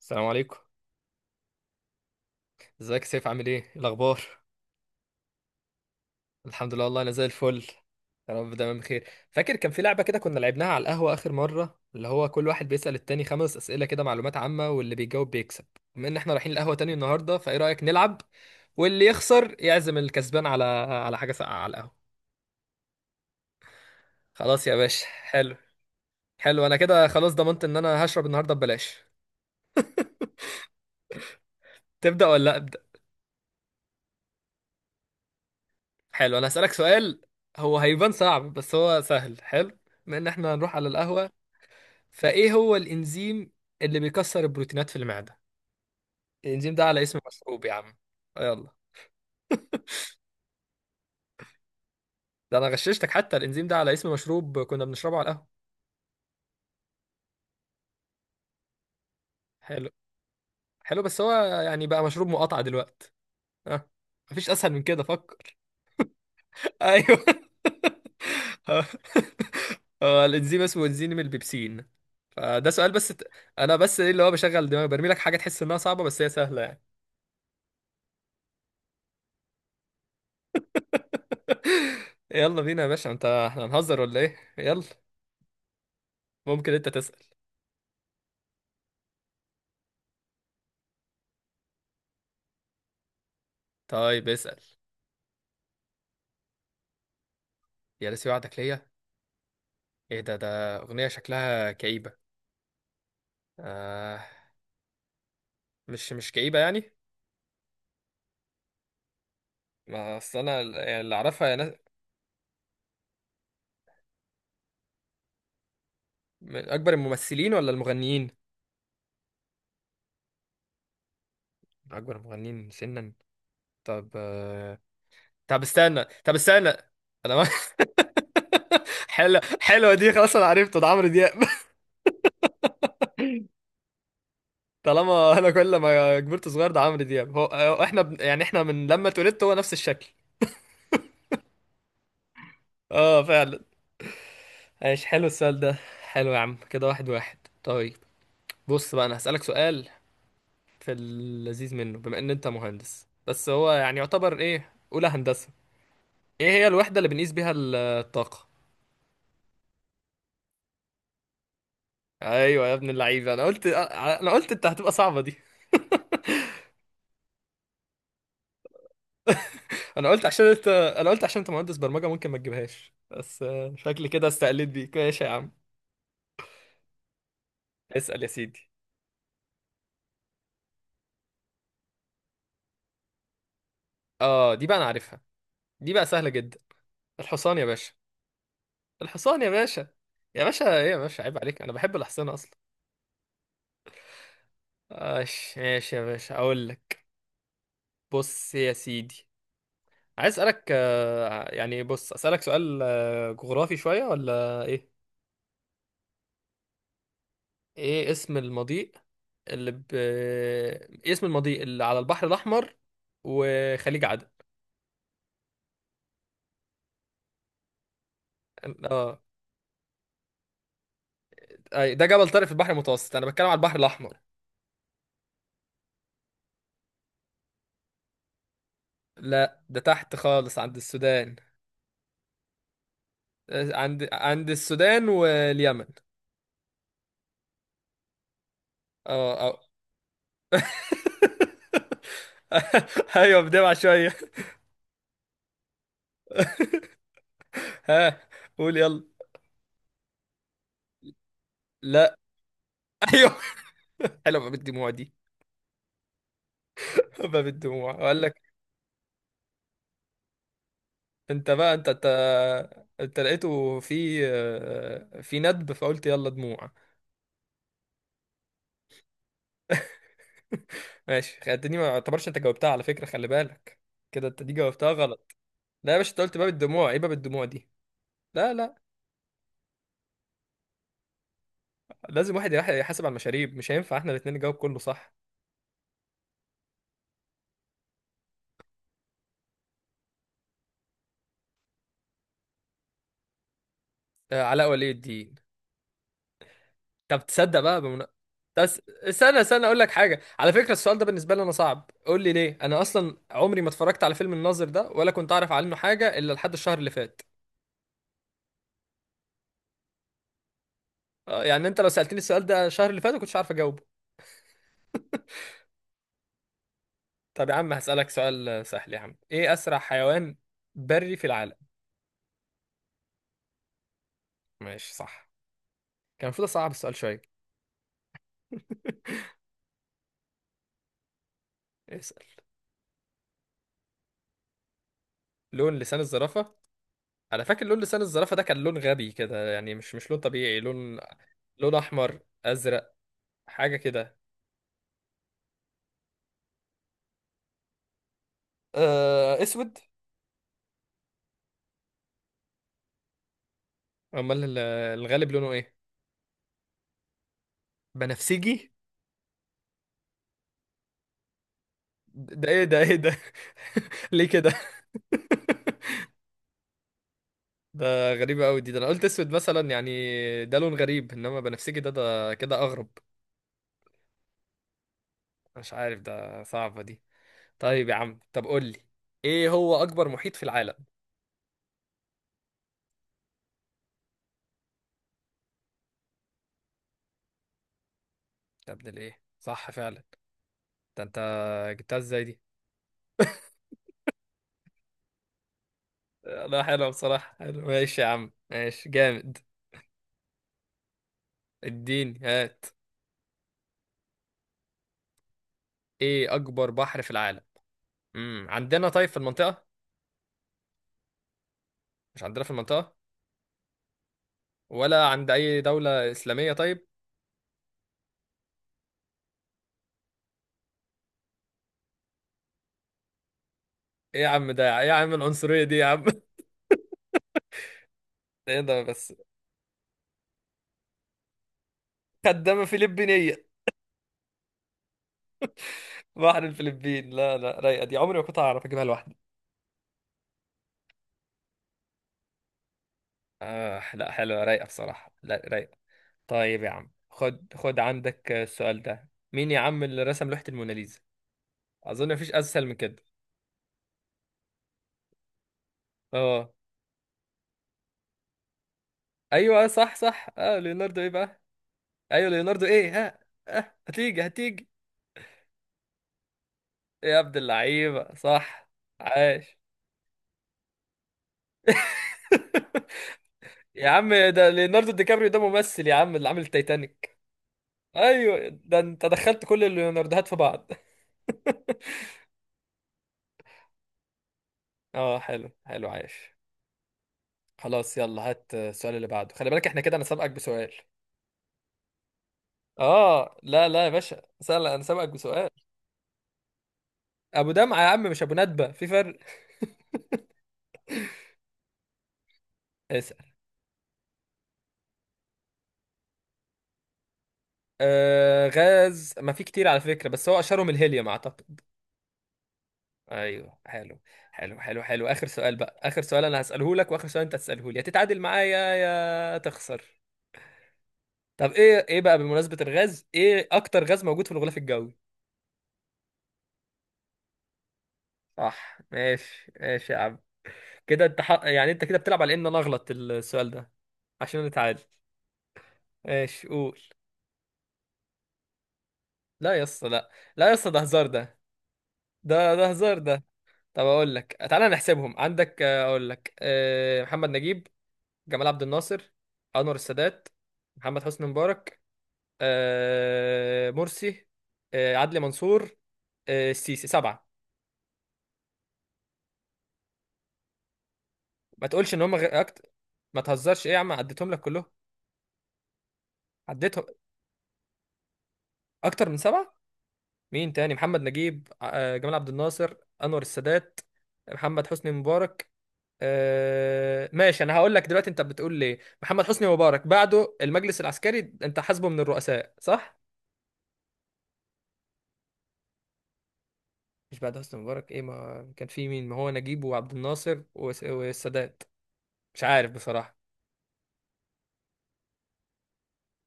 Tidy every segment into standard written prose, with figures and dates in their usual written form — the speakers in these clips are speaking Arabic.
السلام عليكم. ازيك يا سيف، عامل ايه؟ إيه الاخبار؟ الحمد لله والله، انا زي الفل. يا رب دايما بخير. فاكر كان في لعبه كده كنا لعبناها على القهوه اخر مره، اللي هو كل واحد بيسأل التاني خمس اسئله كده معلومات عامه، واللي بيجاوب بيكسب. بما ان احنا رايحين القهوه تاني النهارده، فايه رايك نلعب؟ واللي يخسر يعزم الكسبان على حاجه ساقعه على القهوه. خلاص يا باشا، حلو. حلو، انا كده خلاص ضمنت ان انا هشرب النهارده ببلاش. تبدأ ولا ابدأ؟ حلو، انا هسألك سؤال. هو هيبان صعب بس هو سهل، حلو. بما ان احنا هنروح على القهوه، فايه هو الانزيم اللي بيكسر البروتينات في المعده؟ الانزيم ده على اسم مشروب يا عم. آه، يلا. ده انا غششتك، حتى الانزيم ده على اسم مشروب كنا بنشربه على القهوه. حلو. حلو بس هو يعني بقى مشروب مقاطعه دلوقتي. ها؟ مفيش اسهل من كده، فكر. ايوه. هو الانزيم اسمه انزيم البيبسين. فده سؤال بس. انا بس ايه اللي هو بشغل دماغي، برمي لك حاجه تحس انها صعبه بس هي سهله يعني. يلا بينا يا باشا، انت احنا هنهزر ولا ايه؟ يلا. ممكن انت تسأل. طيب، اسأل. يا ناسي وعدك ليا. ايه ده اغنية شكلها كئيبة؟ آه. مش كئيبة يعني. ما اصل انا اللي اعرفها يا ناس. من اكبر الممثلين ولا المغنيين؟ من اكبر المغنيين سنا. طب، آه. طب استنى. انا ما... حلوة حلوة دي، خلاص انا عرفته ده عمرو دياب. طالما انا كل ما كبرت صغير ده عمرو دياب هو، احنا يعني احنا من لما اتولدت هو نفس الشكل. اه فعلا. ايش حلو السؤال ده. حلو يا عم كده، واحد واحد. طيب. بص بقى، انا هسألك سؤال. في اللذيذ منه بما ان انت مهندس، بس هو يعني يعتبر ايه اولى هندسة. ايه هي الوحدة اللي بنقيس بيها الطاقة؟ ايوه يا ابن اللعيبة، انا قلت انت هتبقى صعبة دي. انا قلت عشان انت مهندس برمجة ممكن ما تجيبهاش بس، شكلي كده استقلت بيك. ماشي يا عم، اسأل يا سيدي. اه، دي بقى انا عارفها. دي بقى سهلة جدا. الحصان يا باشا. الحصان يا باشا. يا باشا ايه يا باشا، عيب عليك، انا بحب الاحصنة اصلا. ماشي ماشي يا باشا، اقول لك. بص يا سيدي. عايز اسالك، يعني بص اسالك سؤال جغرافي شويه ولا ايه؟ ايه اسم المضيق اللي ب... إيه اسم المضيق اللي على البحر الاحمر وخليج عدن؟ اه. أي، ده جبل طارق في البحر المتوسط، انا بتكلم على البحر الاحمر. لا، ده تحت خالص عند السودان. آه، عند السودان واليمن. اه اه. ايوه، بدمع شويه. ها؟ قول يلا. لا. ايوه. حلوه بقى بالدموع دي. باب الدموع وقال لك. انت بقى انت لقيته في ندب فقلت يلا دموع. ماشي خدتني، ما اعتبرش انت جاوبتها على فكرة، خلي بالك. كده انت دي جاوبتها غلط. لا يا باشا، انت قلت باب الدموع، ايه باب الدموع دي؟ لا، لا. لازم واحد يحاسب على المشاريب، مش هينفع احنا الاتنين نجاوب كله صح. آه، علاء ولي الدين. طب تصدق بقى. بس استنى اقول لك حاجه على فكره، السؤال ده بالنسبه لي انا صعب، قول لي ليه، انا اصلا عمري ما اتفرجت على فيلم الناظر ده ولا كنت اعرف عنه حاجه الا لحد الشهر اللي فات. آه، يعني انت لو سألتني السؤال ده الشهر اللي فات كنتش عارف اجاوبه. طب يا عم هسألك سؤال سهل يا عم، ايه اسرع حيوان بري في العالم؟ ماشي، صح. كان المفروض اصعب السؤال شويه. اسأل. لون لسان الزرافة. انا فاكر لون لسان الزرافة ده كان لون غبي كده يعني، مش لون طبيعي، لون. لون احمر؟ ازرق؟ حاجة كده. آه، اسود. امال الغالب لونه ايه؟ بنفسجي؟ ده ايه ده ايه ده؟ ليه كده؟ ده غريبة أوي دي، ده أنا قلت أسود مثلا يعني. ده لون غريب إنما بنفسجي ده كده أغرب. مش عارف، ده صعبة دي. طيب يا عم، طب قول لي، إيه هو أكبر محيط في العالم؟ يا ابن الإيه صح فعلا! ده أنت جبتها إزاي دي. لا، حلوة بصراحة، حلو ماشي يا عم، ماشي جامد. اديني هات. إيه أكبر بحر في العالم؟ عندنا طيب في المنطقة؟ مش عندنا في المنطقة؟ ولا عند أي دولة إسلامية طيب؟ إيه يا عم ده، إيه يا عم العنصرية دي يا عم؟ إيه ده بس؟ خدامة فلبينية؟ بحر الفلبين، لا لا، رايقة دي، عمري ما كنت هعرف اجيبها لوحدي. آه، لا حلوة رايقة بصراحة، لا رايقة. طيب يا عم، خد خد عندك السؤال ده، مين يا عم اللي رسم لوحة الموناليزا؟ اظن مفيش اسهل من كده. اه. ايوه صح صح اه، ليوناردو ايه بقى؟ ايوه ليوناردو ايه، ها؟ آه. هتيجي هتيجي. يا عبد اللعيبة، صح. عاش. يا عم، ده ليوناردو دي كابريو ده ممثل يا عم اللي عامل التايتانيك. ايوه، ده انت دخلت كل الليوناردوهات في بعض. اه، حلو حلو عاش. خلاص يلا، هات السؤال اللي بعده، خلي بالك احنا كده انا سابقك بسؤال. اه، لا لا يا باشا، سأل، انا سابقك بسؤال. ابو دمعة يا عم مش ابو ندبة، في فرق. اسأل. آه، غاز ما في كتير على فكرة، بس هو اشهرهم الهيليوم اعتقد. ايوه، حلو. حلو حلو حلو، اخر سؤال بقى، اخر سؤال انا هسأله لك واخر سؤال انت هتسأله لي، يا تتعادل معايا يا تخسر. طب ايه بقى، بمناسبة الغاز، ايه اكتر غاز موجود في الغلاف الجوي؟ صح ماشي ماشي يا عم. كده انت يعني انت كده بتلعب على ان انا اغلط السؤال ده عشان نتعادل. ايش قول. لا يا اسطى، لا. لا يا اسطى، ده هزار ده. ده هزار ده. طب اقول لك تعالى نحسبهم عندك، اقول لك، محمد نجيب، جمال عبد الناصر، انور السادات، محمد حسني مبارك، مرسي، عدلي منصور، السيسي، سبعة. ما تقولش ان هم. ما تهزرش ايه يا عم، عديتهم لك كلهم، عديتهم. اكتر من سبعة؟ مين تاني، محمد نجيب، جمال عبد الناصر، انور السادات، محمد حسني مبارك. آه، ماشي، انا هقول لك دلوقتي انت بتقول ليه محمد حسني مبارك بعده المجلس العسكري، انت حاسبه من الرؤساء صح؟ مش بعد حسني مبارك؟ ايه ما كان في مين، ما هو نجيب وعبد الناصر والسادات. مش عارف بصراحة.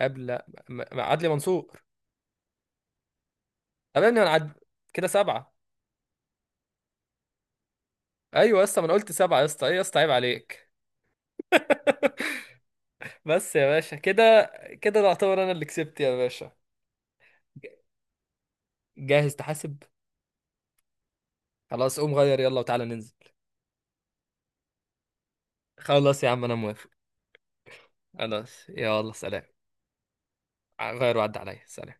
قبل. عدلي منصور. قبل ان انا كده سبعة. ايوه يا اسطى، ما انا قلت سبعة يا اسطى، ايه يا اسطى، عيب عليك. بس يا باشا كده، كده ده اعتبر انا اللي كسبت يا باشا. جاهز تحاسب؟ خلاص، قوم غير يلا وتعالى ننزل. خلاص يا عم، انا موافق. خلاص يلا، سلام. غير وعد عليا، سلام.